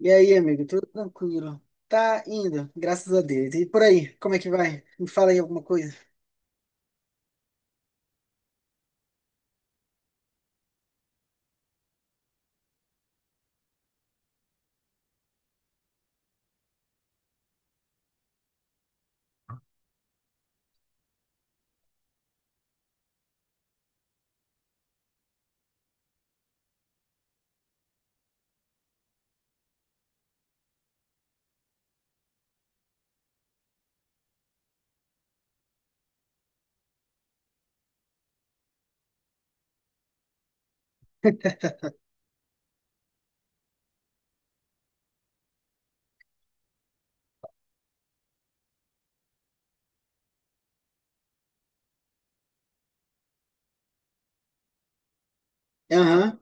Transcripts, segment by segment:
E aí, amigo, tudo tranquilo? Tá indo, graças a Deus. E por aí, como é que vai? Me fala aí alguma coisa. Aham,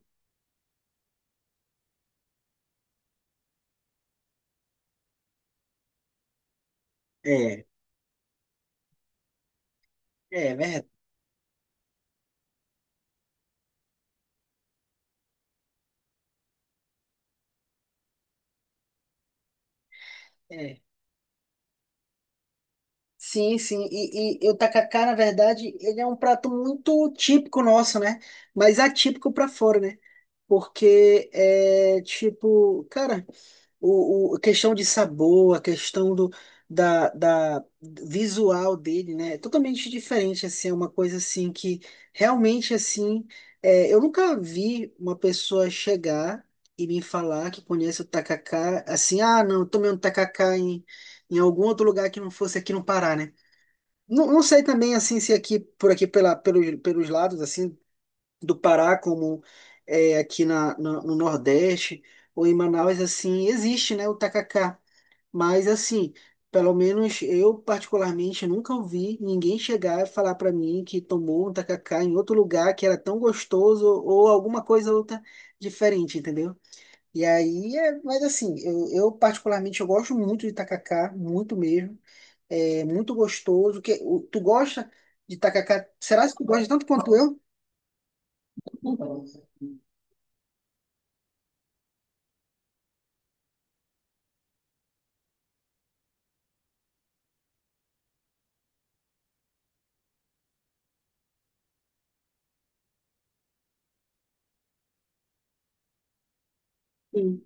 é, é verdade. É. Sim, sim. E o tacacá, na verdade, ele é um prato muito típico nosso, né? Mas atípico pra fora, né? Porque é tipo, cara. A questão de sabor, a questão da visual dele, né? É totalmente diferente, assim, é uma coisa assim que realmente assim, é, eu nunca vi uma pessoa chegar e me falar que conhece o tacacá, assim, ah, não, eu tomei um tacacá em algum outro lugar que não fosse aqui no Pará, né? Não, não sei também assim se é aqui por aqui pelos lados assim do Pará, como é, aqui no Nordeste ou em Manaus, assim, existe, né, o tacacá. Mas, assim, pelo menos eu, particularmente, nunca ouvi ninguém chegar e falar para mim que tomou um tacacá em outro lugar que era tão gostoso ou alguma coisa outra diferente, entendeu? E aí, é, mas assim, particularmente eu gosto muito de tacacá, muito mesmo. É muito gostoso. Que, o- tu gosta de tacacá? Será que tu gosta tanto quanto eu? Sim.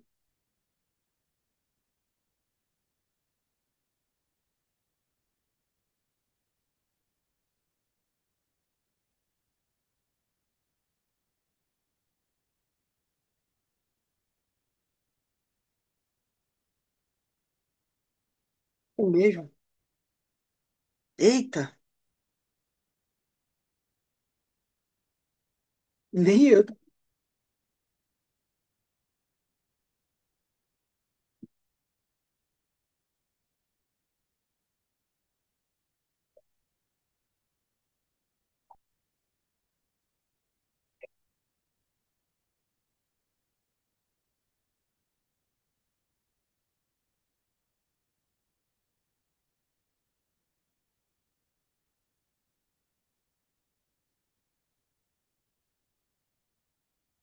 O mesmo. Eita, nem eu.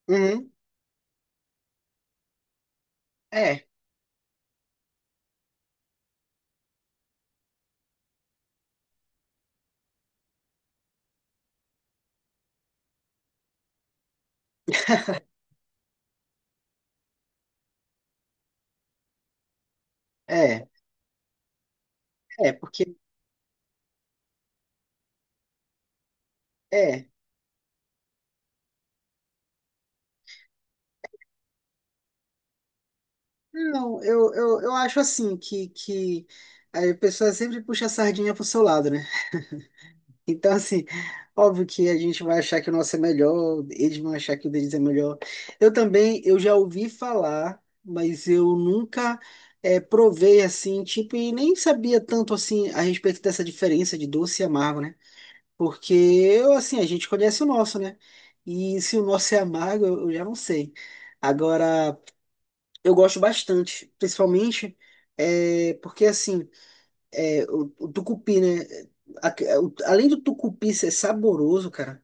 Uhum. É, é, é, porque é. Não, eu acho assim que a pessoa sempre puxa a sardinha pro seu lado, né? Então, assim, óbvio que a gente vai achar que o nosso é melhor, eles vão achar que o deles é melhor. Eu também, eu já ouvi falar, mas eu nunca provei assim, tipo, e nem sabia tanto assim a respeito dessa diferença de doce e amargo, né? Porque, assim, a gente conhece o nosso, né? E se o nosso é amargo, eu já não sei. Agora, eu gosto bastante, principalmente é, porque, assim, é, o tucupi, né? Além do tucupi ser saboroso, cara,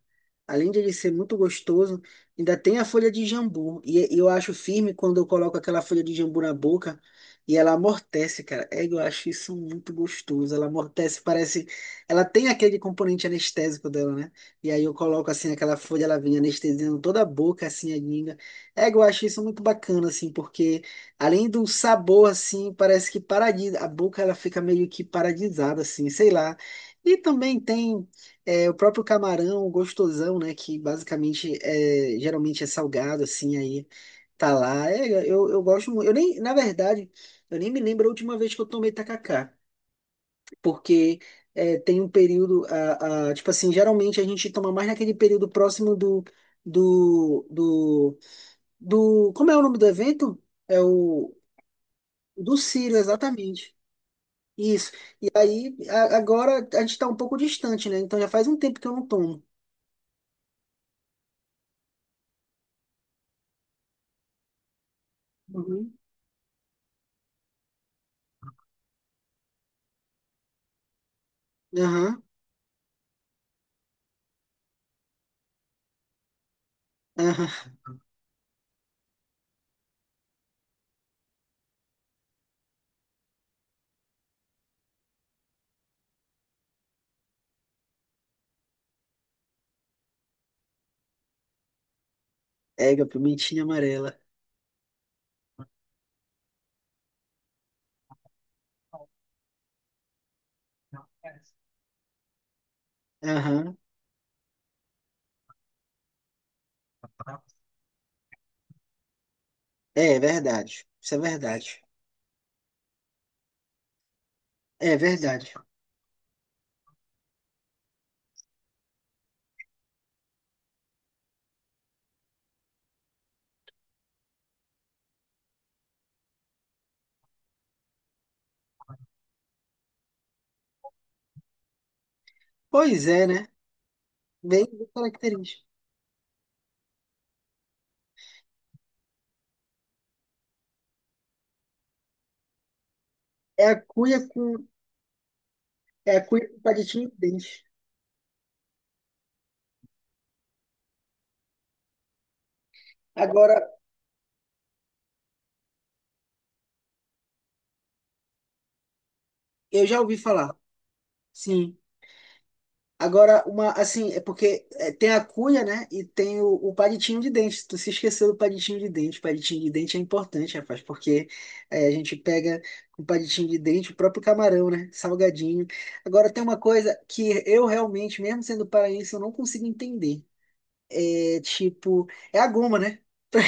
além de ele ser muito gostoso, ainda tem a folha de jambu. E eu acho firme quando eu coloco aquela folha de jambu na boca e ela amortece, cara. É, eu acho isso muito gostoso. Ela amortece, parece. Ela tem aquele componente anestésico dela, né? E aí eu coloco assim aquela folha, ela vem anestesiando toda a boca, assim, a língua. É, eu acho isso muito bacana, assim, porque. Além do sabor, assim, parece que paradis, a boca ela fica meio que paradisada, assim, sei lá. E também tem é, o próprio camarão gostosão, né? Que basicamente é, geralmente é salgado, assim, aí tá lá. É, eu gosto muito. Eu nem, na verdade, eu nem me lembro a última vez que eu tomei tacacá, porque é, tem um período, tipo assim, geralmente a gente toma mais naquele período próximo do, do, do como é o nome do evento? É o do Ciro, exatamente. Isso. E aí, agora a gente tá um pouco distante, né? Então já faz um tempo que eu não tomo. Uhum. Aham. Aham. É, a pimentinha amarela. Aham. É, verdade. Isso é verdade. É verdade. Pois é, né? Bem característico. É a cuia com, É a cuia com palitinho de dente. Agora, eu já ouvi falar. Sim. Agora, uma, assim, é porque é, tem a cuia, né? E tem o palitinho de dente. Tu se esqueceu do palitinho de dente. O palitinho de dente é importante, rapaz, porque é, a gente pega com o palitinho de dente o próprio camarão, né? Salgadinho. Agora, tem uma coisa que eu realmente, mesmo sendo paraense, eu não consigo entender. É tipo, é a goma, né? Pra,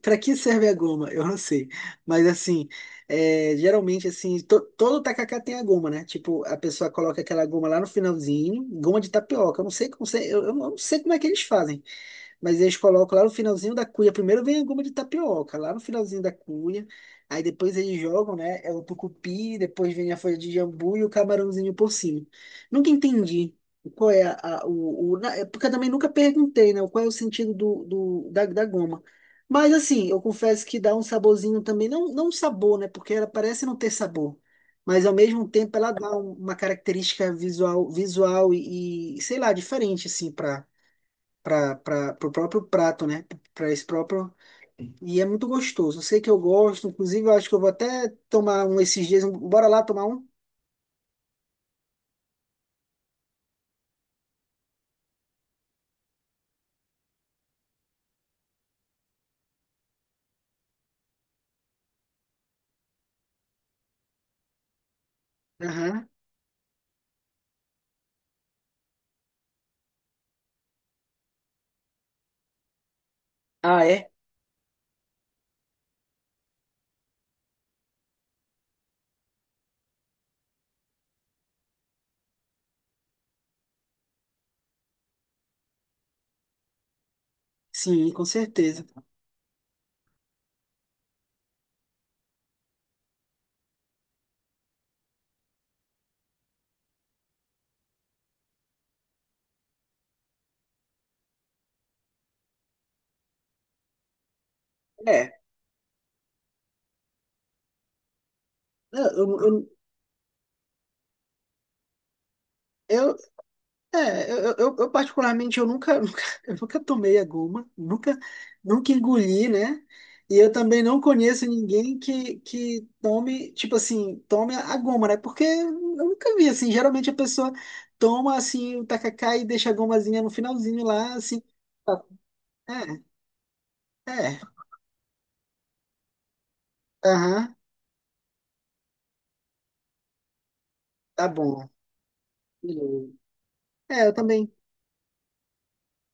pra que serve a goma? Eu não sei. Mas assim, é, geralmente assim, todo tacacá tem a goma, né? Tipo, a pessoa coloca aquela goma lá no finalzinho, goma de tapioca. Eu não sei como, eu não sei como é que eles fazem. Mas eles colocam lá no finalzinho da cuia. Primeiro vem a goma de tapioca, lá no finalzinho da cuia. Aí depois eles jogam, né? É o tucupi, depois vem a folha de jambu e o camarãozinho por cima. Nunca entendi qual é a, porque eu também nunca perguntei, né? Qual é o sentido da goma. Mas assim, eu confesso que dá um saborzinho também. Não, não um sabor, né? Porque ela parece não ter sabor. Mas ao mesmo tempo ela dá um- uma característica visual, sei lá, diferente, assim, para o próprio prato, né? Para esse próprio. E é muito gostoso. Eu sei que eu gosto, inclusive eu acho que eu vou até tomar um esses dias. Bora lá tomar um? Aham. Ah, é? Sim, com certeza. É. Eu, eu, eu, particularmente eu nunca, nunca, eu nunca tomei a goma, nunca, nunca engoli, né? E eu também não conheço ninguém que tome, tipo assim, tome a goma, né? Porque eu nunca vi, assim, geralmente a pessoa toma, assim, o tacacá e deixa a gomazinha no finalzinho lá, assim. tá- É, é, aham, tá bom. Beleza. É, eu também,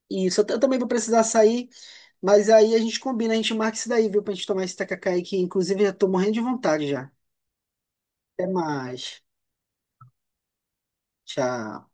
isso, eu, eu também vou precisar sair, mas aí a gente combina, a gente marca isso daí, viu, pra gente tomar esse tacacá aí, que inclusive eu tô morrendo de vontade já. Até mais. Tchau.